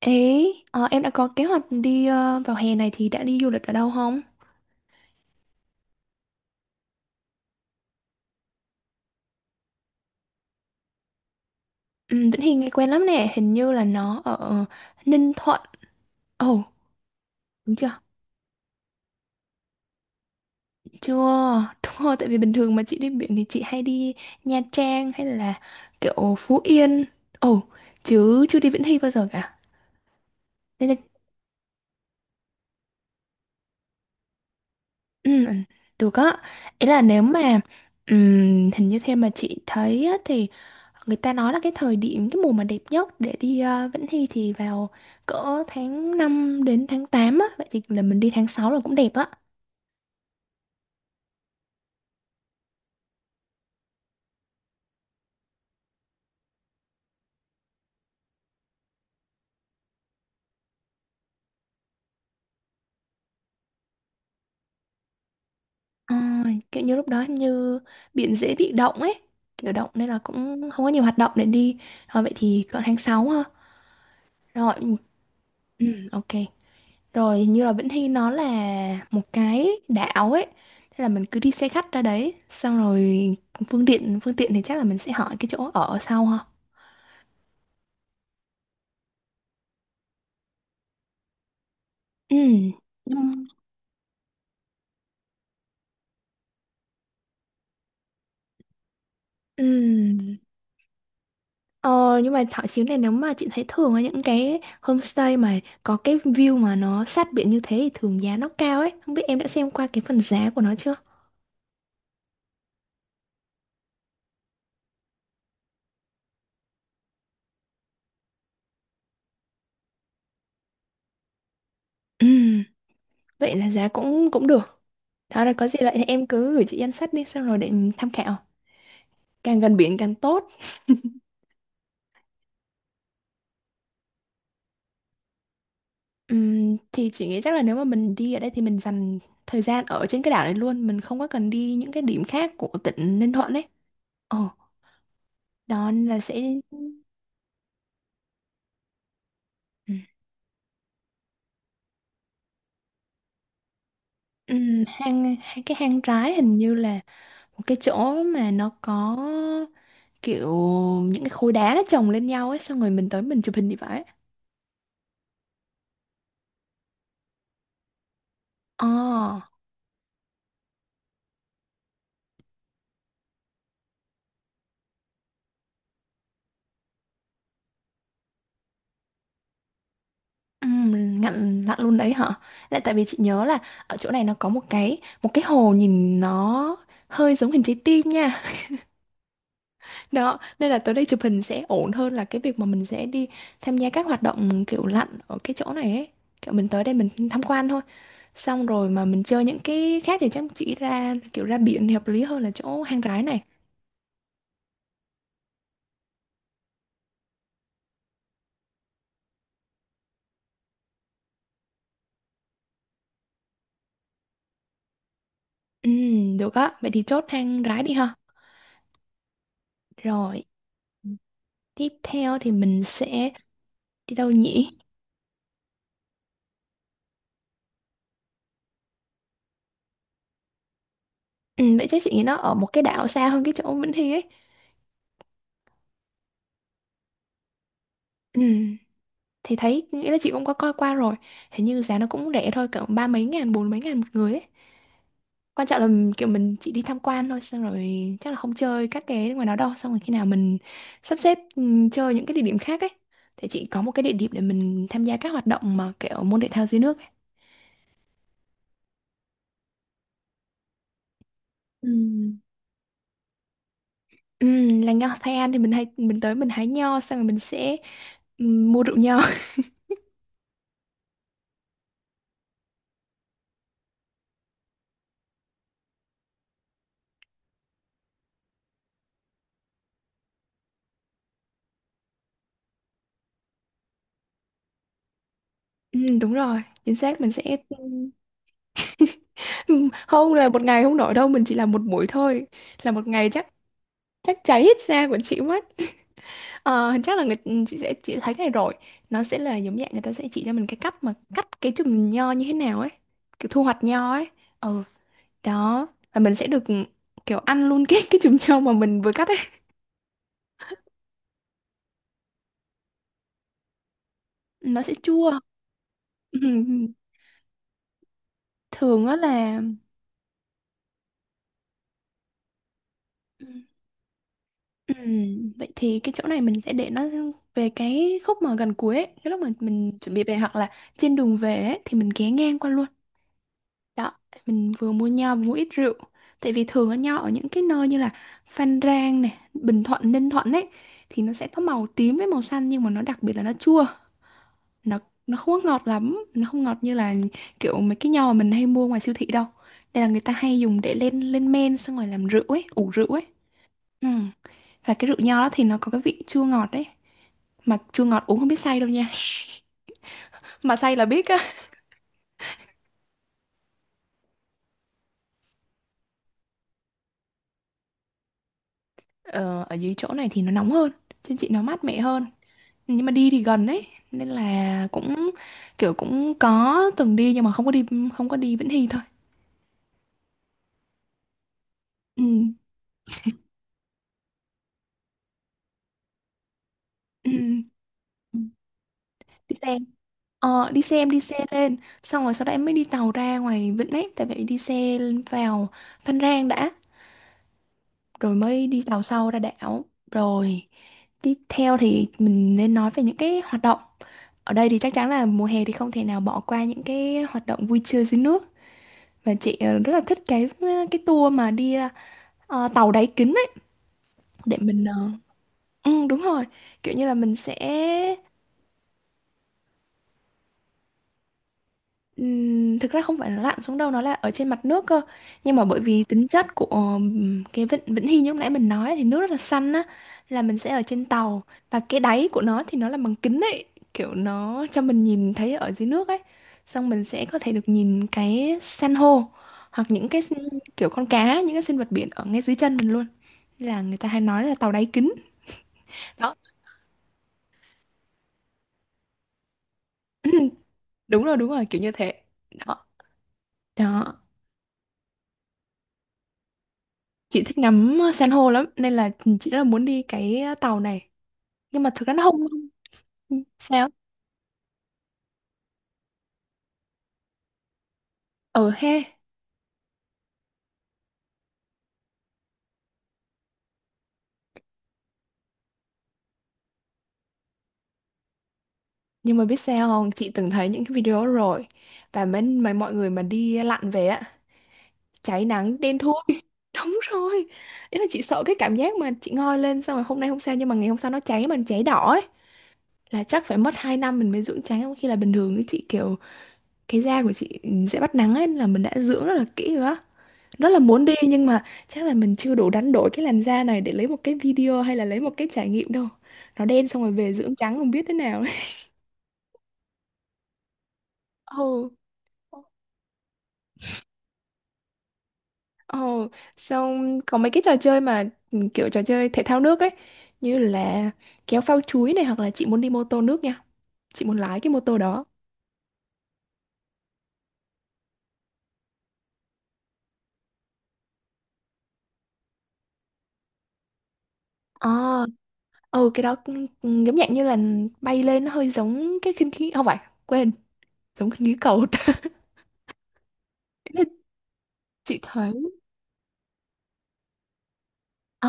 Ấy, em đã có kế hoạch đi vào hè này thì đã đi du lịch ở đâu không? Ừ, Vĩnh Hy nghe quen lắm nè, hình như là nó ở Ninh Thuận. Ồ, đúng chưa? Chưa, đúng rồi, tại vì bình thường mà chị đi biển thì chị hay đi Nha Trang hay là kiểu Phú Yên. Ồ, chứ chưa đi Vĩnh Hy bao giờ cả. Nên là, ừ, được á. Ý là nếu mà, hình như theo mà chị thấy á, thì người ta nói là cái thời điểm, cái mùa mà đẹp nhất để đi Vĩnh Hy thì vào cỡ tháng 5 đến tháng 8 á. Vậy thì là mình đi tháng sáu là cũng đẹp á. Ờ, kiểu như lúc đó hình như biển dễ bị động ấy. Kiểu động nên là cũng không có nhiều hoạt động để đi. Ờ, vậy thì cỡ tháng 6 ha. Rồi, ừ, ok. Rồi hình như là Vĩnh Hy nó là một cái đảo ấy. Thế là mình cứ đi xe khách ra đấy. Xong rồi phương tiện thì chắc là mình sẽ hỏi cái chỗ ở sau ha. Ừ. nhưng- Ừ. Ờ, nhưng mà thảo chính này nếu mà chị thấy thường ở những cái homestay mà có cái view mà nó sát biển như thế thì thường giá nó cao ấy. Không biết em đã xem qua cái phần giá của nó chưa? Ừm, vậy là giá cũng cũng được. Đó là có gì lại thì em cứ gửi chị danh sách đi xong rồi để mình tham khảo. Càng gần biển càng tốt. Thì chị nghĩ chắc là nếu mà mình đi ở đây thì mình dành thời gian ở trên cái đảo này luôn. Mình không có cần đi những cái điểm khác của tỉnh Ninh Thuận ấy. Ồ, đó nên là sẽ. Ừm, hang, hang, Cái hang trái hình như là một cái chỗ mà nó có kiểu những cái khối đá nó chồng lên nhau ấy, xong rồi mình tới mình chụp hình thì phải. ờ Ngặn lặn luôn đấy hả? Lại tại vì chị nhớ là ở chỗ này nó có một cái hồ nhìn nó hơi giống hình trái tim nha. Đó nên là tới đây chụp hình sẽ ổn hơn là cái việc mà mình sẽ đi tham gia các hoạt động kiểu lặn ở cái chỗ này ấy, kiểu mình tới đây mình tham quan thôi, xong rồi mà mình chơi những cái khác thì chắc chị ra kiểu ra biển thì hợp lý hơn là chỗ hang rái này. Được á, vậy thì chốt hang rái đi ha. Rồi, tiếp theo thì mình sẽ đi đâu nhỉ? Vậy chắc chị nghĩ nó ở một cái đảo xa hơn cái chỗ Vĩnh Hy ấy. Ừm, thì thấy, nghĩ là chị cũng có coi qua rồi. Hình như giá nó cũng rẻ thôi, cỡ ba mấy ngàn, bốn mấy ngàn một người ấy. Quan trọng là kiểu mình chỉ đi tham quan thôi, xong rồi chắc là không chơi các cái ngoài đó đâu. Xong rồi khi nào mình sắp xếp chơi những cái địa điểm khác ấy. Thì chị có một cái địa điểm để mình tham gia các hoạt động mà kiểu môn thể thao dưới nước ấy. Ừ. Là nho Tây An thì mình hay mình tới mình hái nho xong rồi mình sẽ mua rượu nho. Đúng rồi, chính xác mình sẽ không là một ngày không nổi đâu, mình chỉ làm một buổi thôi. Là một ngày chắc chắc cháy hết da của chị mất. Ờ, chắc là người chị sẽ chị thấy cái này rồi. Nó sẽ là giống dạng người ta sẽ chỉ cho mình cái cách mà cắt cái chùm nho như thế nào ấy, kiểu thu hoạch nho ấy. Ừ, đó. Và mình sẽ được kiểu ăn luôn cái chùm nho mà mình vừa cắt ấy. Nó sẽ chua. Ừm, thường á là. Ừ. Ừ, vậy thì cái chỗ này mình sẽ để nó về cái khúc mà gần cuối ấy. Cái lúc mà mình chuẩn bị về hoặc là trên đường về ấy, thì mình ghé ngang qua luôn. Đó, mình vừa mua nho vừa mua ít rượu. Tại vì thường ở nho ở những cái nơi như là Phan Rang này, Bình Thuận, Ninh Thuận ấy, thì nó sẽ có màu tím với màu xanh nhưng mà nó đặc biệt là nó chua. Nó nó không có ngọt lắm, nó không ngọt như là kiểu mấy cái nho mà mình hay mua ngoài siêu thị đâu. Nên là người ta hay dùng để lên lên men xong rồi làm rượu ấy, ủ rượu ấy. Ừ. Và cái rượu nho đó thì nó có cái vị chua ngọt đấy. Mà chua ngọt uống không biết say đâu nha. Mà say là biết á. Ờ, ở dưới chỗ này thì nó nóng hơn. Trên chị nó mát mẻ hơn. Nhưng mà đi thì gần đấy. Nên là cũng kiểu cũng có từng đi nhưng mà không có đi Vĩnh Hy thôi. Ừ. Ừ. Đi xe. Ờ, đi xe em đi xe lên. Xong rồi sau đó em mới đi tàu ra ngoài Vịnh ấy. Tại vậy đi xe vào Phan Rang đã, rồi mới đi tàu sâu ra đảo, rồi tiếp theo thì mình nên nói về những cái hoạt động ở đây. Thì chắc chắn là mùa hè thì không thể nào bỏ qua những cái hoạt động vui chơi dưới nước, và chị rất là thích cái tour mà đi tàu đáy kính ấy, để mình ừ, đúng rồi kiểu như là mình sẽ. Thực ra không phải là lặn xuống đâu, nó là ở trên mặt nước cơ nhưng mà bởi vì tính chất của cái vịnh Vĩnh Hy như lúc nãy mình nói thì nước rất là xanh á, là mình sẽ ở trên tàu và cái đáy của nó thì nó là bằng kính ấy, kiểu nó cho mình nhìn thấy ở dưới nước ấy, xong mình sẽ có thể được nhìn cái san hô hoặc những kiểu con cá những cái sinh vật biển ở ngay dưới chân mình luôn. Nên là người ta hay nói là tàu đáy kính. Đó. Đúng rồi, đúng rồi, kiểu như thế. Đó. Đó. Chị thích ngắm san hô lắm nên là chị rất là muốn đi cái tàu này, nhưng mà thực ra nó không không- sao. Ờ he Nhưng mà biết sao không, chị từng thấy những cái video đó rồi, và mấy mọi người mà đi lặn về á, cháy nắng đen thui. Đúng rồi, ý là chị sợ cái cảm giác mà chị ngoi lên xong rồi hôm nay không sao nhưng mà ngày hôm sau nó cháy mà cháy đỏ ấy, là chắc phải mất 2 năm mình mới dưỡng trắng, trong khi là bình thường ấy, chị kiểu cái da của chị sẽ bắt nắng ấy, là mình đã dưỡng rất là kỹ rồi á, rất là muốn đi nhưng mà chắc là mình chưa đủ đánh đổi cái làn da này để lấy một cái video hay là lấy một cái trải nghiệm đâu. Nó đen xong rồi về dưỡng trắng không biết thế nào. Đấy. Ừ. Ừ. Xong có mấy cái trò chơi mà kiểu trò chơi thể thao nước ấy, như là kéo phao chuối này hoặc là chị muốn đi mô tô nước nha, chị muốn lái cái mô tô đó. ờ ừ, cũng giống dạng như là bay lên, nó hơi giống cái khinh khí không phải, quên, giống khinh khí cầu. Thế là chị thấy, ờ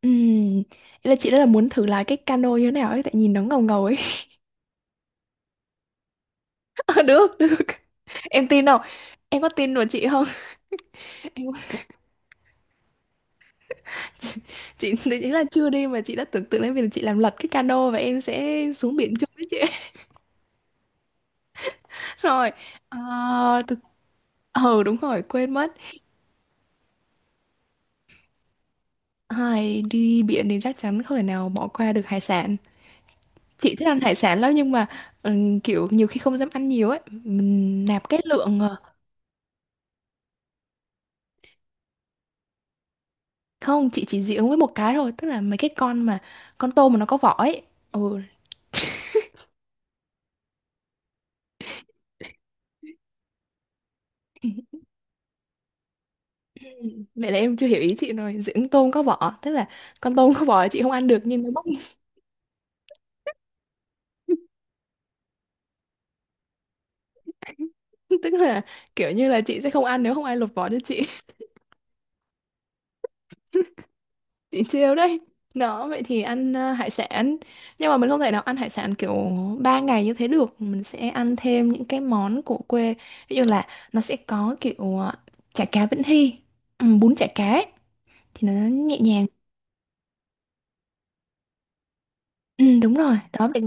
Ừm, ý là chị rất là muốn thử lái cái cano như thế nào ấy, tại nhìn nó ngầu ngầu ấy. Được, được. Em tin không? Em có tin vào chị không? Em, chị ý là chưa đi mà chị đã tưởng tượng đến việc là chị làm lật cái cano và em sẽ xuống biển chung với chị. Rồi. Ờ thực Ừ, đúng rồi, quên mất. Ai đi biển thì chắc chắn không thể nào bỏ qua được hải sản. Chị thích ăn hải sản lắm nhưng mà kiểu nhiều khi không dám ăn nhiều ấy, mình nạp cái lượng. Ờ, Không, chị chỉ dị ứng với một cái thôi, tức là mấy cái con mà con tôm mà nó có vỏ ấy. Ừ, mẹ là em chưa hiểu ý chị rồi, dị ứng tôm có vỏ, tức là con tôm có vỏ chị không ăn được nhưng nó bóc, tức là kiểu như là chị sẽ không ăn nếu không ai lột vỏ cho chị. Chị trêu đấy. Đó, vậy thì ăn hải sản. Nhưng mà mình không thể nào ăn hải sản kiểu 3 ngày như thế được, mình sẽ ăn thêm những cái món của quê. Ví dụ là nó sẽ có kiểu chả cá Vĩnh Hy, bún chả cá ấy. Thì nó nhẹ nhàng. Ừ, đúng rồi, đó, vậy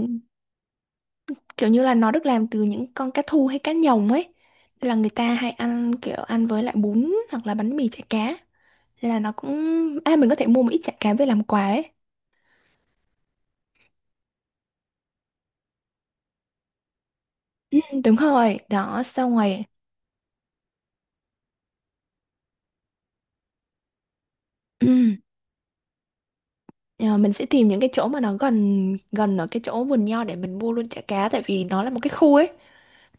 kiểu như là nó được làm từ những con cá thu hay cá nhồng ấy. Nên là người ta hay ăn kiểu ăn với lại bún hoặc là bánh mì chả cá, nên là nó cũng, à mình có thể mua một ít chả cá về làm quà ấy. Ừ, đúng rồi, đó xong rồi. Ừ, ờ, mình sẽ tìm những cái chỗ mà nó gần gần ở cái chỗ vườn nho để mình mua luôn chả cá, tại vì nó là một cái khu ấy,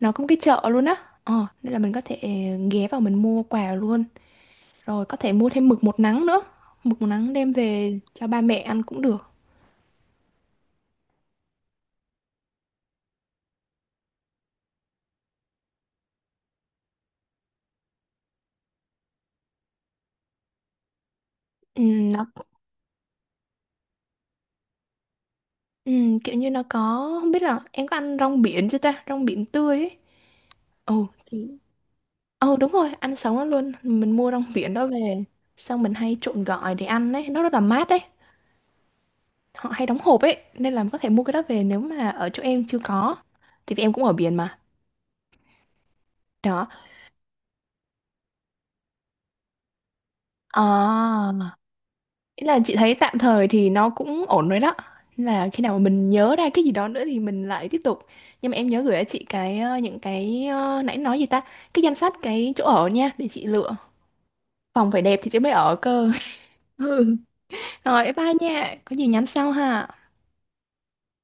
nó có một cái chợ luôn á. Ờ, nên là mình có thể ghé vào mình mua quà luôn, rồi có thể mua thêm mực một nắng nữa, mực một nắng đem về cho ba mẹ ăn cũng được. Ừ, Ừ, kiểu như nó có, không biết là em có ăn rong biển chưa ta, rong biển tươi ấy. Ồ thì, ừ đúng rồi ăn sống nó luôn, mình mua rong biển đó về xong mình hay trộn gỏi để ăn ấy, nó rất là mát ấy. Họ hay đóng hộp ấy nên là có thể mua cái đó về nếu mà ở chỗ em chưa có, thì vì em cũng ở biển mà. Đó. À, ý là chị thấy tạm thời thì nó cũng ổn rồi đó. Nên là khi nào mà mình nhớ ra cái gì đó nữa thì mình lại tiếp tục, nhưng mà em nhớ gửi cho chị cái những cái nãy nói gì ta, cái danh sách cái chỗ ở nha để chị lựa. Phòng phải đẹp thì chứ mới ở cơ. Ừ. Rồi bye bye nha. Có gì nhắn sau ha.